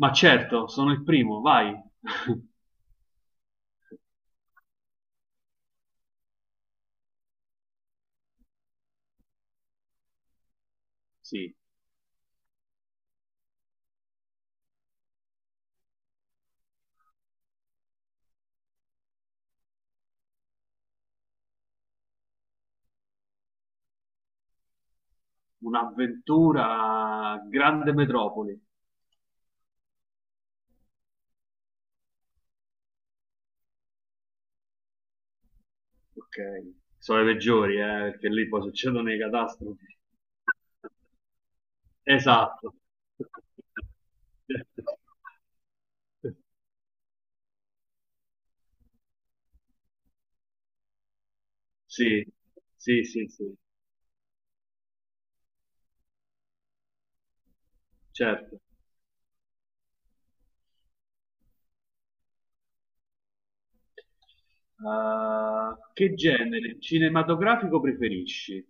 Ma certo, sono il primo, vai. Sì, un'avventura, grande metropoli. Ok, sono i peggiori, perché lì poi succedono le catastrofi. Esatto. Sì, sì, sì, sì, certo. Che genere cinematografico preferisci?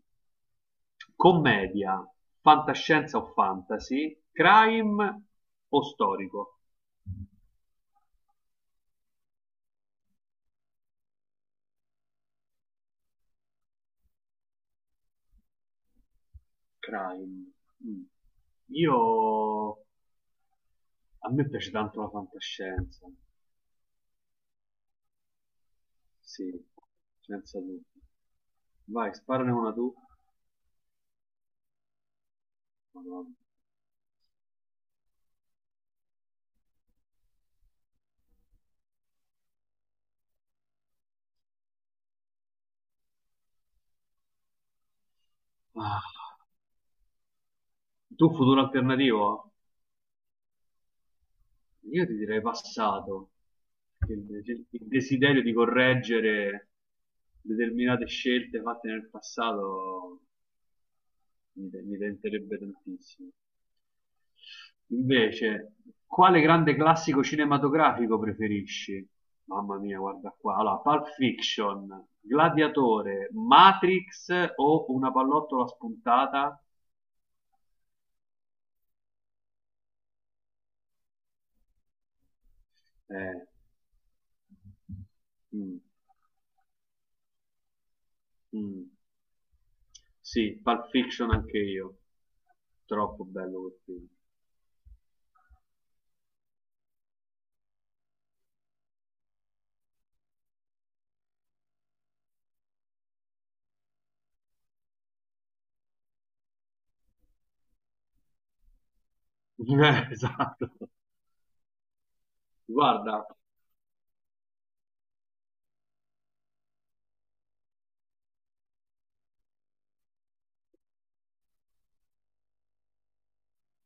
Commedia, fantascienza o fantasy, crime o storico? Crime. Mm. Io a me piace tanto la fantascienza, sì, senza dubbio. Vai, sparane una tu. Madonna. Ah, tu futuro alternativo? Io ti direi passato. Perché il desiderio di correggere determinate scelte fatte nel passato mi tenterebbe tantissimo. Invece, quale grande classico cinematografico preferisci? Mamma mia, guarda qua. Allora, Pulp Fiction, Gladiatore, Matrix o una pallottola spuntata? Eh, mm, mm. Sì, Pulp Fiction anche io. Troppo bello quel film. Esatto. Guarda,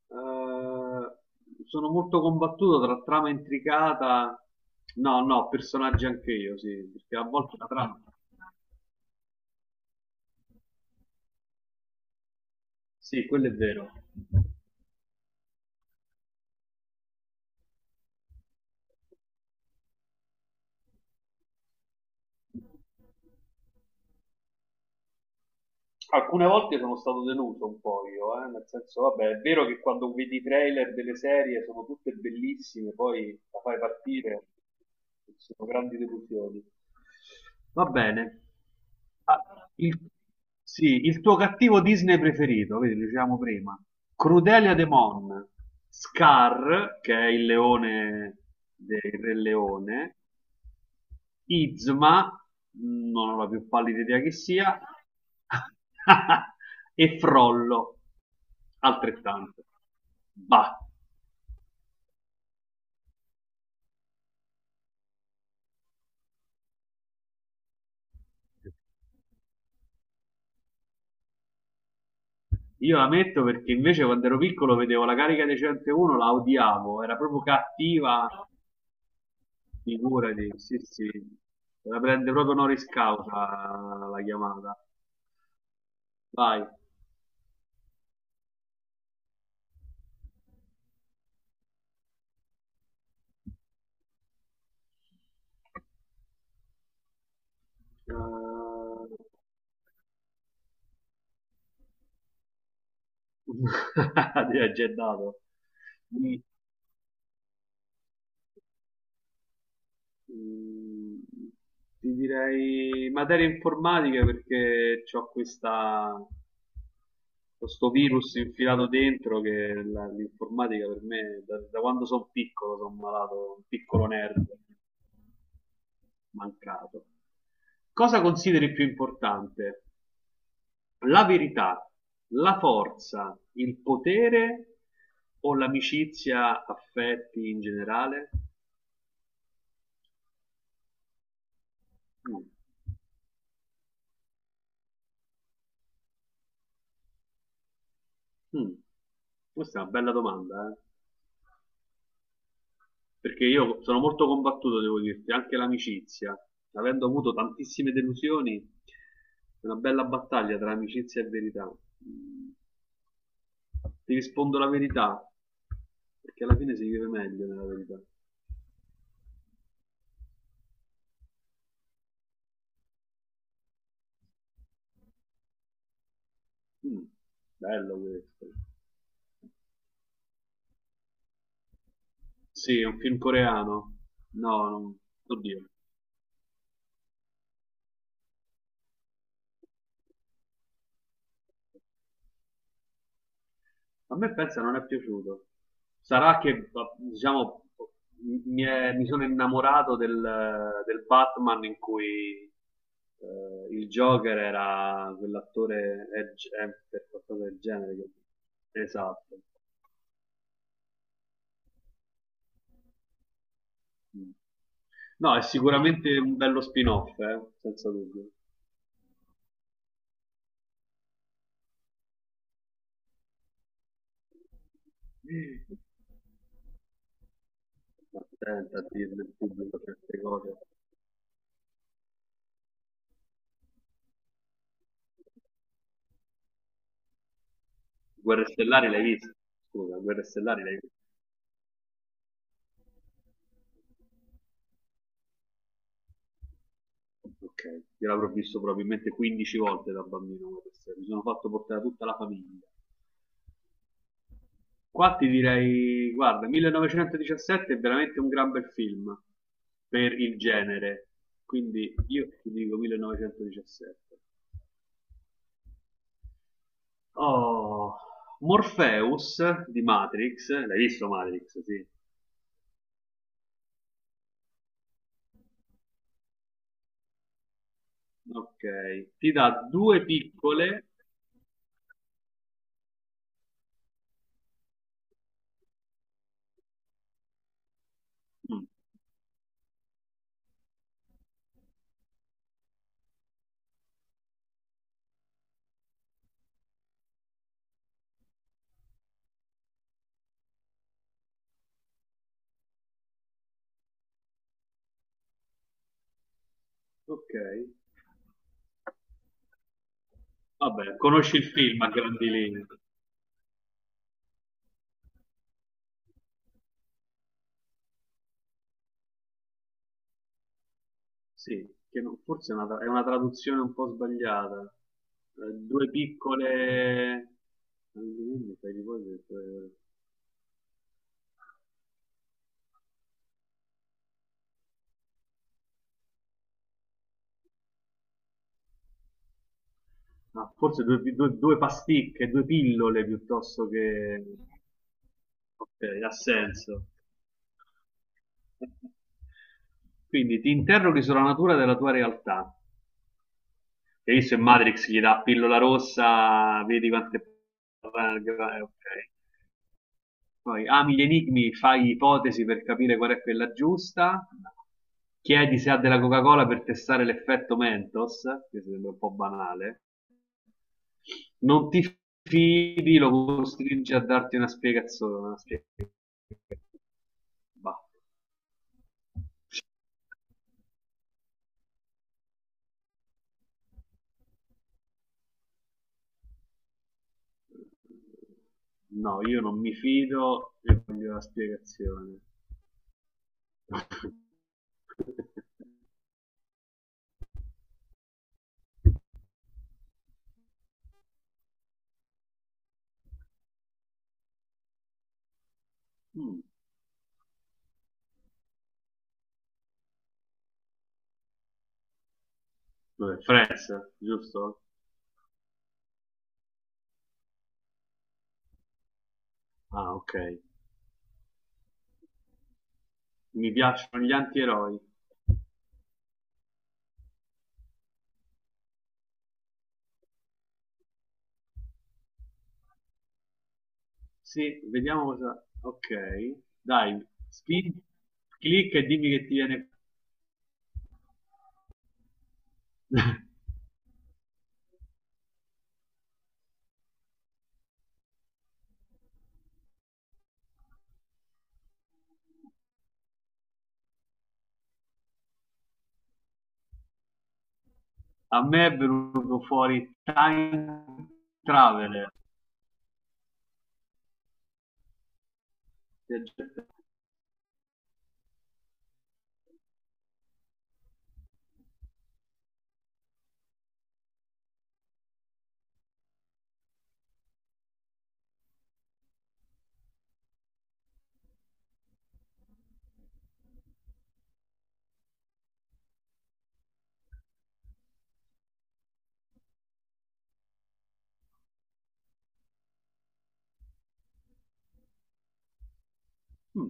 Sono molto combattuto tra trama intricata. No, no, personaggi anche io, sì, perché a volte la trama. Sì, quello è vero. Alcune volte sono stato deluso un po' io, nel senso, vabbè, è vero che quando vedi i trailer delle serie sono tutte bellissime, poi la fai partire, sono grandi delusioni. Va bene. Ah, sì, il tuo cattivo Disney preferito, vedi, lo dicevamo prima. Crudelia de Mon, Scar, che è il leone del Re Leone, Yzma, non ho la più pallida idea che sia, e Frollo, altrettanto. Bah, io la metto perché invece quando ero piccolo vedevo la carica 101, la odiavo, era proprio cattiva, figurati, sì sì, se la prende proprio honoris causa la chiamata. Vai. Ti ha già dato. Mi- Mm, ti direi materie informatiche perché ho questo virus infilato dentro che l'informatica per me, da quando sono piccolo, sono malato, un piccolo nerd mancato. Cosa consideri più importante? La verità, la forza, il potere o l'amicizia, affetti in generale? Mm, mm. Questa è una bella domanda, eh. Perché io sono molto combattuto, devo dirti, anche l'amicizia, avendo avuto tantissime delusioni, è una bella battaglia tra amicizia e verità. Ti rispondo la verità, perché alla fine si vive meglio nella verità. Mm, bello questo. Sì, è un film coreano. No, non. Oddio, a me pensa non è piaciuto. Sarà che, diciamo, mi sono innamorato del Batman in cui il Joker era quell'attore Edge Hemper, qualcosa del genere. Esatto. Mm. No, è sicuramente un bello spin-off, senza dubbio. Attenta a dirle il pubblico certe cose. Guerre Stellari l'hai vista? Scusa, Guerre Stellari l'hai vista? Ok, io l'avrò visto probabilmente 15 volte da bambino questa serie, mi sono fatto portare tutta la famiglia. Qua ti direi, guarda, 1917 è veramente un gran bel film per il genere, quindi io ti dico 1917. Oh, Morpheus di Matrix, l'hai visto Matrix? Sì. Ok, ti dà due piccole. Mm, ok, vabbè, conosci il film a grandi linee. Sì, che non- forse è una traduzione un po' sbagliata. Due piccole. Non mi viene, sai di cosa. Ah, forse due pasticche, due pillole piuttosto che. Ok, ha senso. Quindi ti interroghi sulla natura della tua realtà. E lì se Matrix gli dà pillola rossa, vedi quante. Ok. Poi ami gli enigmi, fai ipotesi per capire qual è quella giusta. Chiedi se ha della Coca-Cola per testare l'effetto Mentos, che sembra un po' banale. Non ti fidi, lo costringe a darti una spiegazione. Una spiegazione. Bah. No, io non mi fido e voglio la spiegazione. Mm, Dov'è? Friends, giusto? Ah, ok. Mi piacciono gli antieroi. Sì, vediamo cosa. Ok, dai, clicca e dimmi che ti viene. A me è venuto fuori Time Traveler. Mm.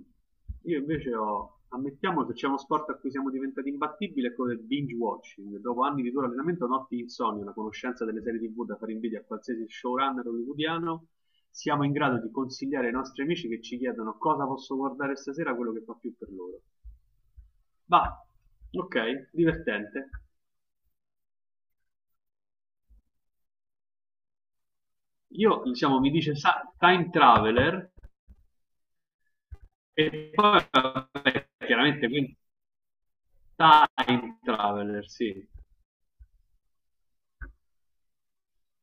Io invece ho. Ammettiamo che c'è uno sport a cui siamo diventati imbattibili, è quello del binge watching. Dopo anni di duro allenamento, notti di insonnia, la conoscenza delle serie TV da fare invidia a qualsiasi showrunner hollywoodiano, siamo in grado di consigliare ai nostri amici che ci chiedono cosa posso guardare stasera, quello che fa più per loro. Va, ok, divertente. Io, diciamo, mi dice Time Traveler e poi, vabbè, chiaramente, quindi Time Traveler, sì,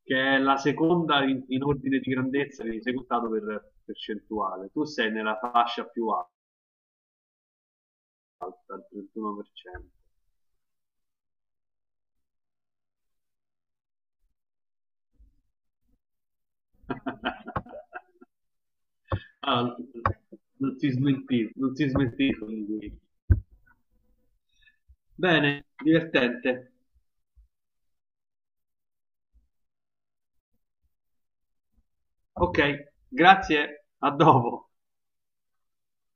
che è la seconda in ordine di grandezza, quindi secondato per percentuale. Tu sei nella fascia più alta, il 31%. Ah, non si smentì, non si smentì con lui. Bene, divertente. Ok, grazie, a dopo.